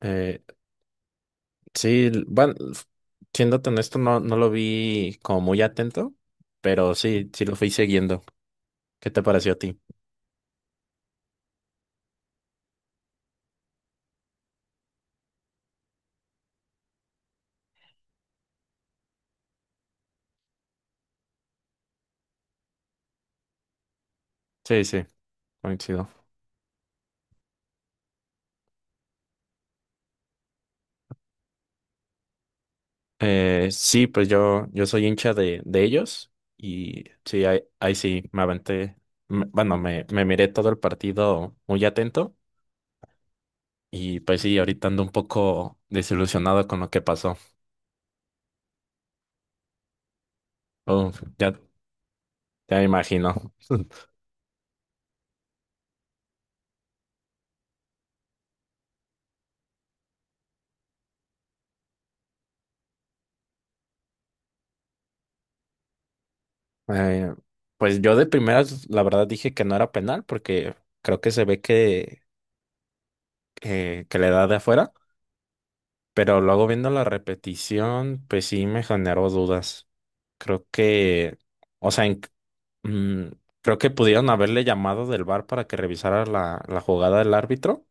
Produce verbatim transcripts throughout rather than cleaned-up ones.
Eh, sí, l- bueno, f- siéndote honesto, no, no lo vi como muy atento, pero sí, sí lo fui siguiendo. ¿Qué te pareció a ti? Sí, sí, coincido. Eh, sí, pues yo, yo soy hincha de, de ellos y sí, ahí, ahí sí, me aventé. Me- bueno, me, me miré todo el partido muy atento y pues sí, ahorita ando un poco desilusionado con lo que pasó. Uf, ya, ya me imagino. Eh, pues yo de primeras, la verdad, dije que no era penal porque creo que se ve que, eh, que le da de afuera, pero luego viendo la repetición, pues sí me generó dudas. Creo que, o sea, en- mm, creo que pudieron haberle llamado del V A R para que revisara la, la jugada del árbitro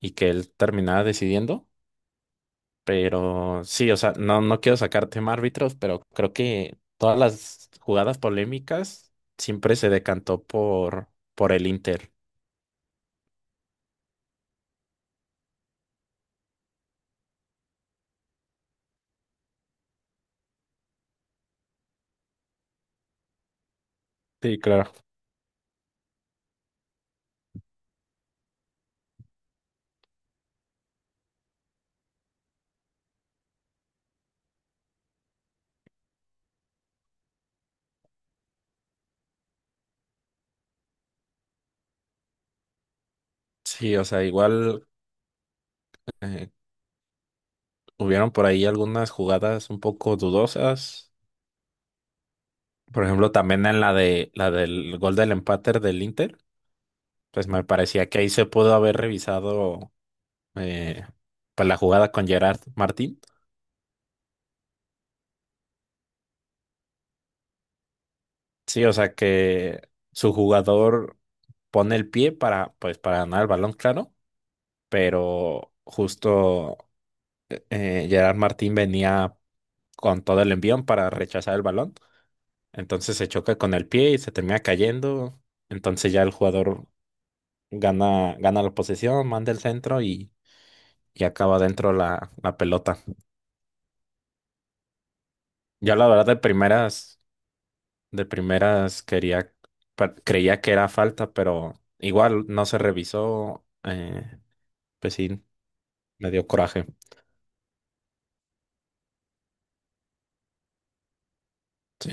y que él terminara decidiendo. Pero sí, o sea, no, no quiero sacar tema árbitros, pero creo que todas las jugadas polémicas siempre se decantó por, por el Inter. Sí, claro. Sí, o sea, igual eh, hubieron por ahí algunas jugadas un poco dudosas. Por ejemplo, también en la de la del gol del empate del Inter, pues me parecía que ahí se pudo haber revisado, eh, pues la jugada con Gerard Martín. Sí, o sea que su jugador pone el pie para, pues, para ganar el balón, claro, pero justo, eh, Gerard Martín venía con todo el envión para rechazar el balón, entonces se choca con el pie y se termina cayendo. Entonces ya el jugador gana, gana la posesión, manda el centro y, y acaba dentro la, la pelota. Yo la verdad de primeras, de primeras quería, pa- creía que era falta, pero igual no se revisó. Eh, pues sí, me dio coraje. Sí.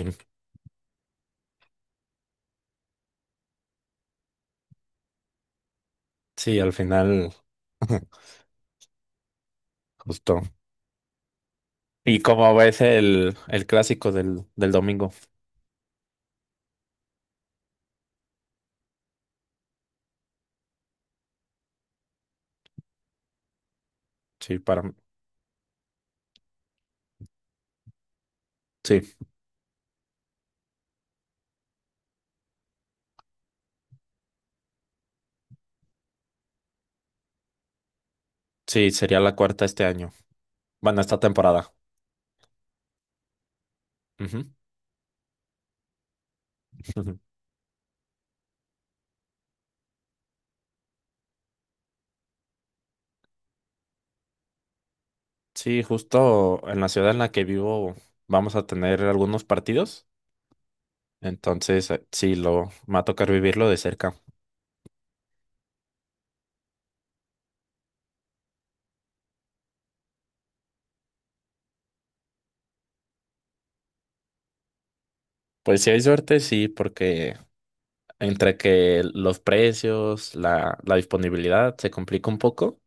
Sí, al final, justo. ¿Y cómo ves el, el clásico del, del domingo? Sí, para mí. Sí, sí, sería la cuarta este año. Bueno, esta temporada. Ujú. Ujú. Sí, justo en la ciudad en la que vivo vamos a tener algunos partidos. Entonces, eh, sí, lo, me va a tocar vivirlo de cerca. Pues si hay suerte, sí, porque entre que los precios, la, la disponibilidad se complica un poco,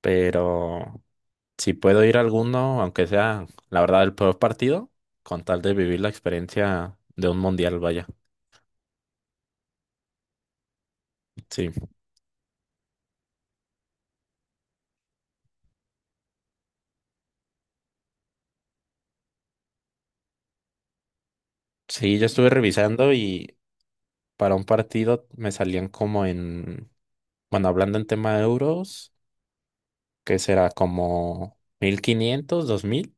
pero si puedo ir a alguno, aunque sea la verdad el peor partido, con tal de vivir la experiencia de un mundial, vaya. Sí. Sí, yo estuve revisando y para un partido me salían como en, bueno, hablando en tema de euros, que será como mil quinientos, dos mil.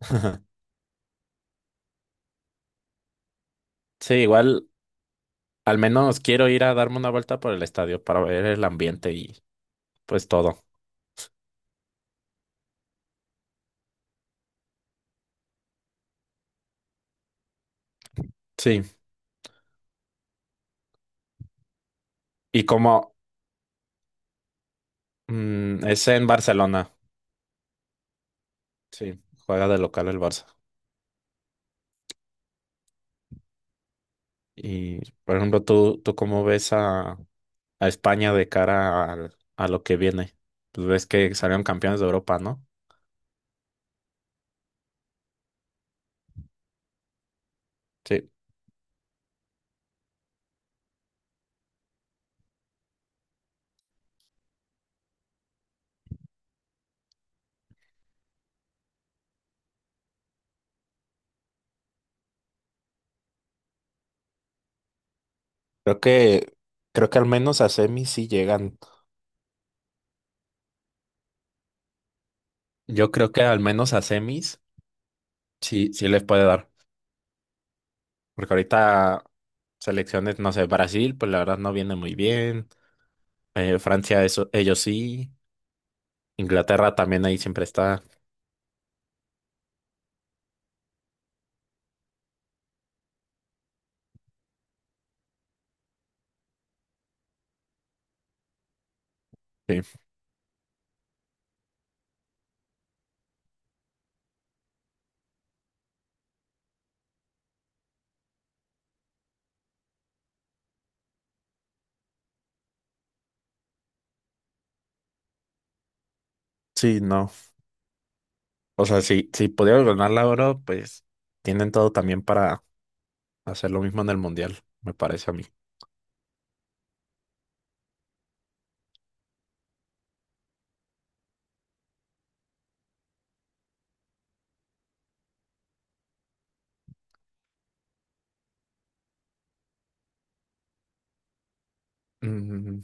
Sí, igual al menos quiero ir a darme una vuelta por el estadio para ver el ambiente y pues todo. Sí. Y como mm, es en Barcelona, sí, juega de local el Barça. Y, por ejemplo, ¿tú, tú cómo ves a, a España de cara al- a lo que viene? Pues ves que salieron campeones de Europa, ¿no? Sí, creo que, creo que al menos a semis sí llegan. Yo creo que al menos a semis sí, sí les puede dar. Porque ahorita selecciones, no sé, Brasil, pues la verdad no viene muy bien. Eh, Francia, eso, ellos sí. Inglaterra también ahí siempre está. Sí, sí, no. O sea, si, si pudieron ganar la oro, pues tienen todo también para hacer lo mismo en el mundial, me parece a mí. Mm,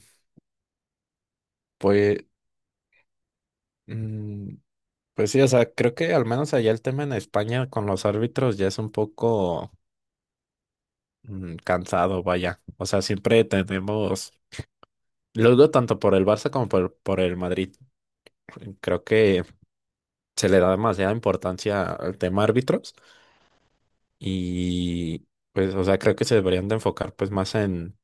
pues, mm, pues sí, o sea, creo que al menos allá el tema en España con los árbitros ya es un poco mm, cansado, vaya. O sea, siempre tenemos, lo digo tanto por el Barça como por, por el Madrid. Creo que se le da demasiada importancia al tema árbitros y pues, o sea, creo que se deberían de enfocar pues más en,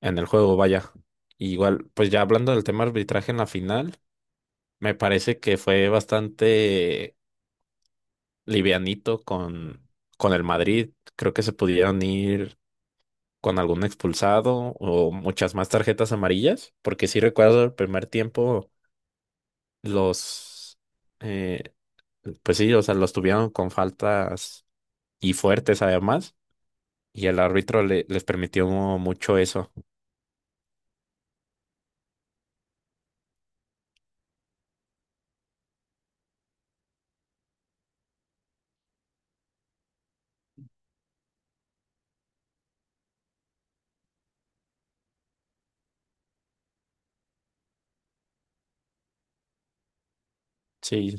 en el juego, vaya. Igual, pues ya hablando del tema arbitraje en la final. Me parece que fue bastante livianito con, con el Madrid. Creo que se pudieron ir con algún expulsado o muchas más tarjetas amarillas, porque sí recuerdo el primer tiempo los, eh, pues sí, o sea, los tuvieron con faltas y fuertes además, y el árbitro le- les permitió mucho eso. Sí,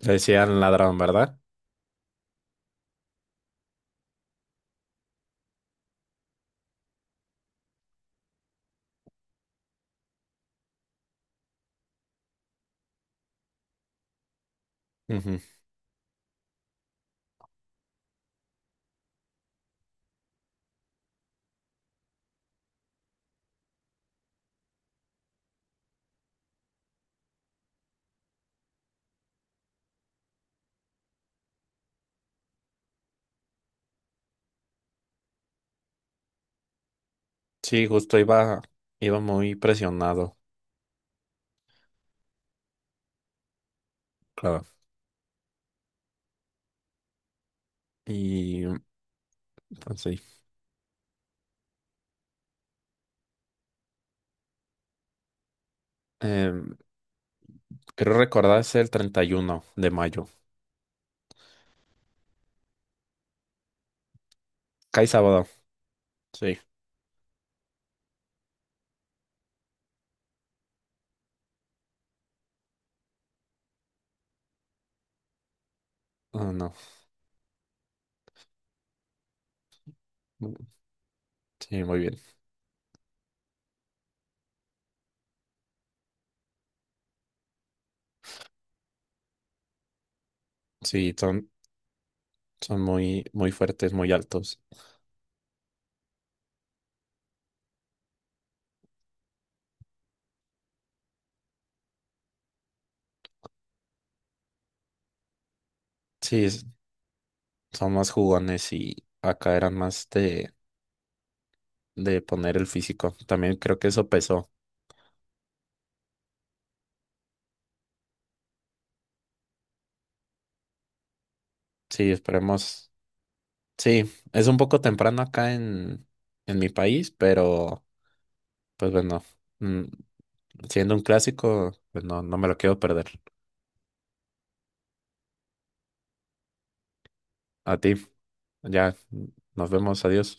le decían ladrón, ¿verdad? Ujú. Sí, justo iba, iba muy presionado, claro. Y pues, sí. Em, creo recordar es el treinta y uno de mayo. Cae sábado. Sí. Ah, no. Mm, sí, muy bien. Sí, son, son muy, muy fuertes, muy altos. Sí, es- son más jugones y acá eran más de, de poner el físico. También creo que eso pesó. Sí, esperemos. Sí, es un poco temprano acá en, en mi país, pero pues bueno, mm, siendo un clásico, pues no, no me lo quiero perder. A ti, ya, nos vemos, adiós.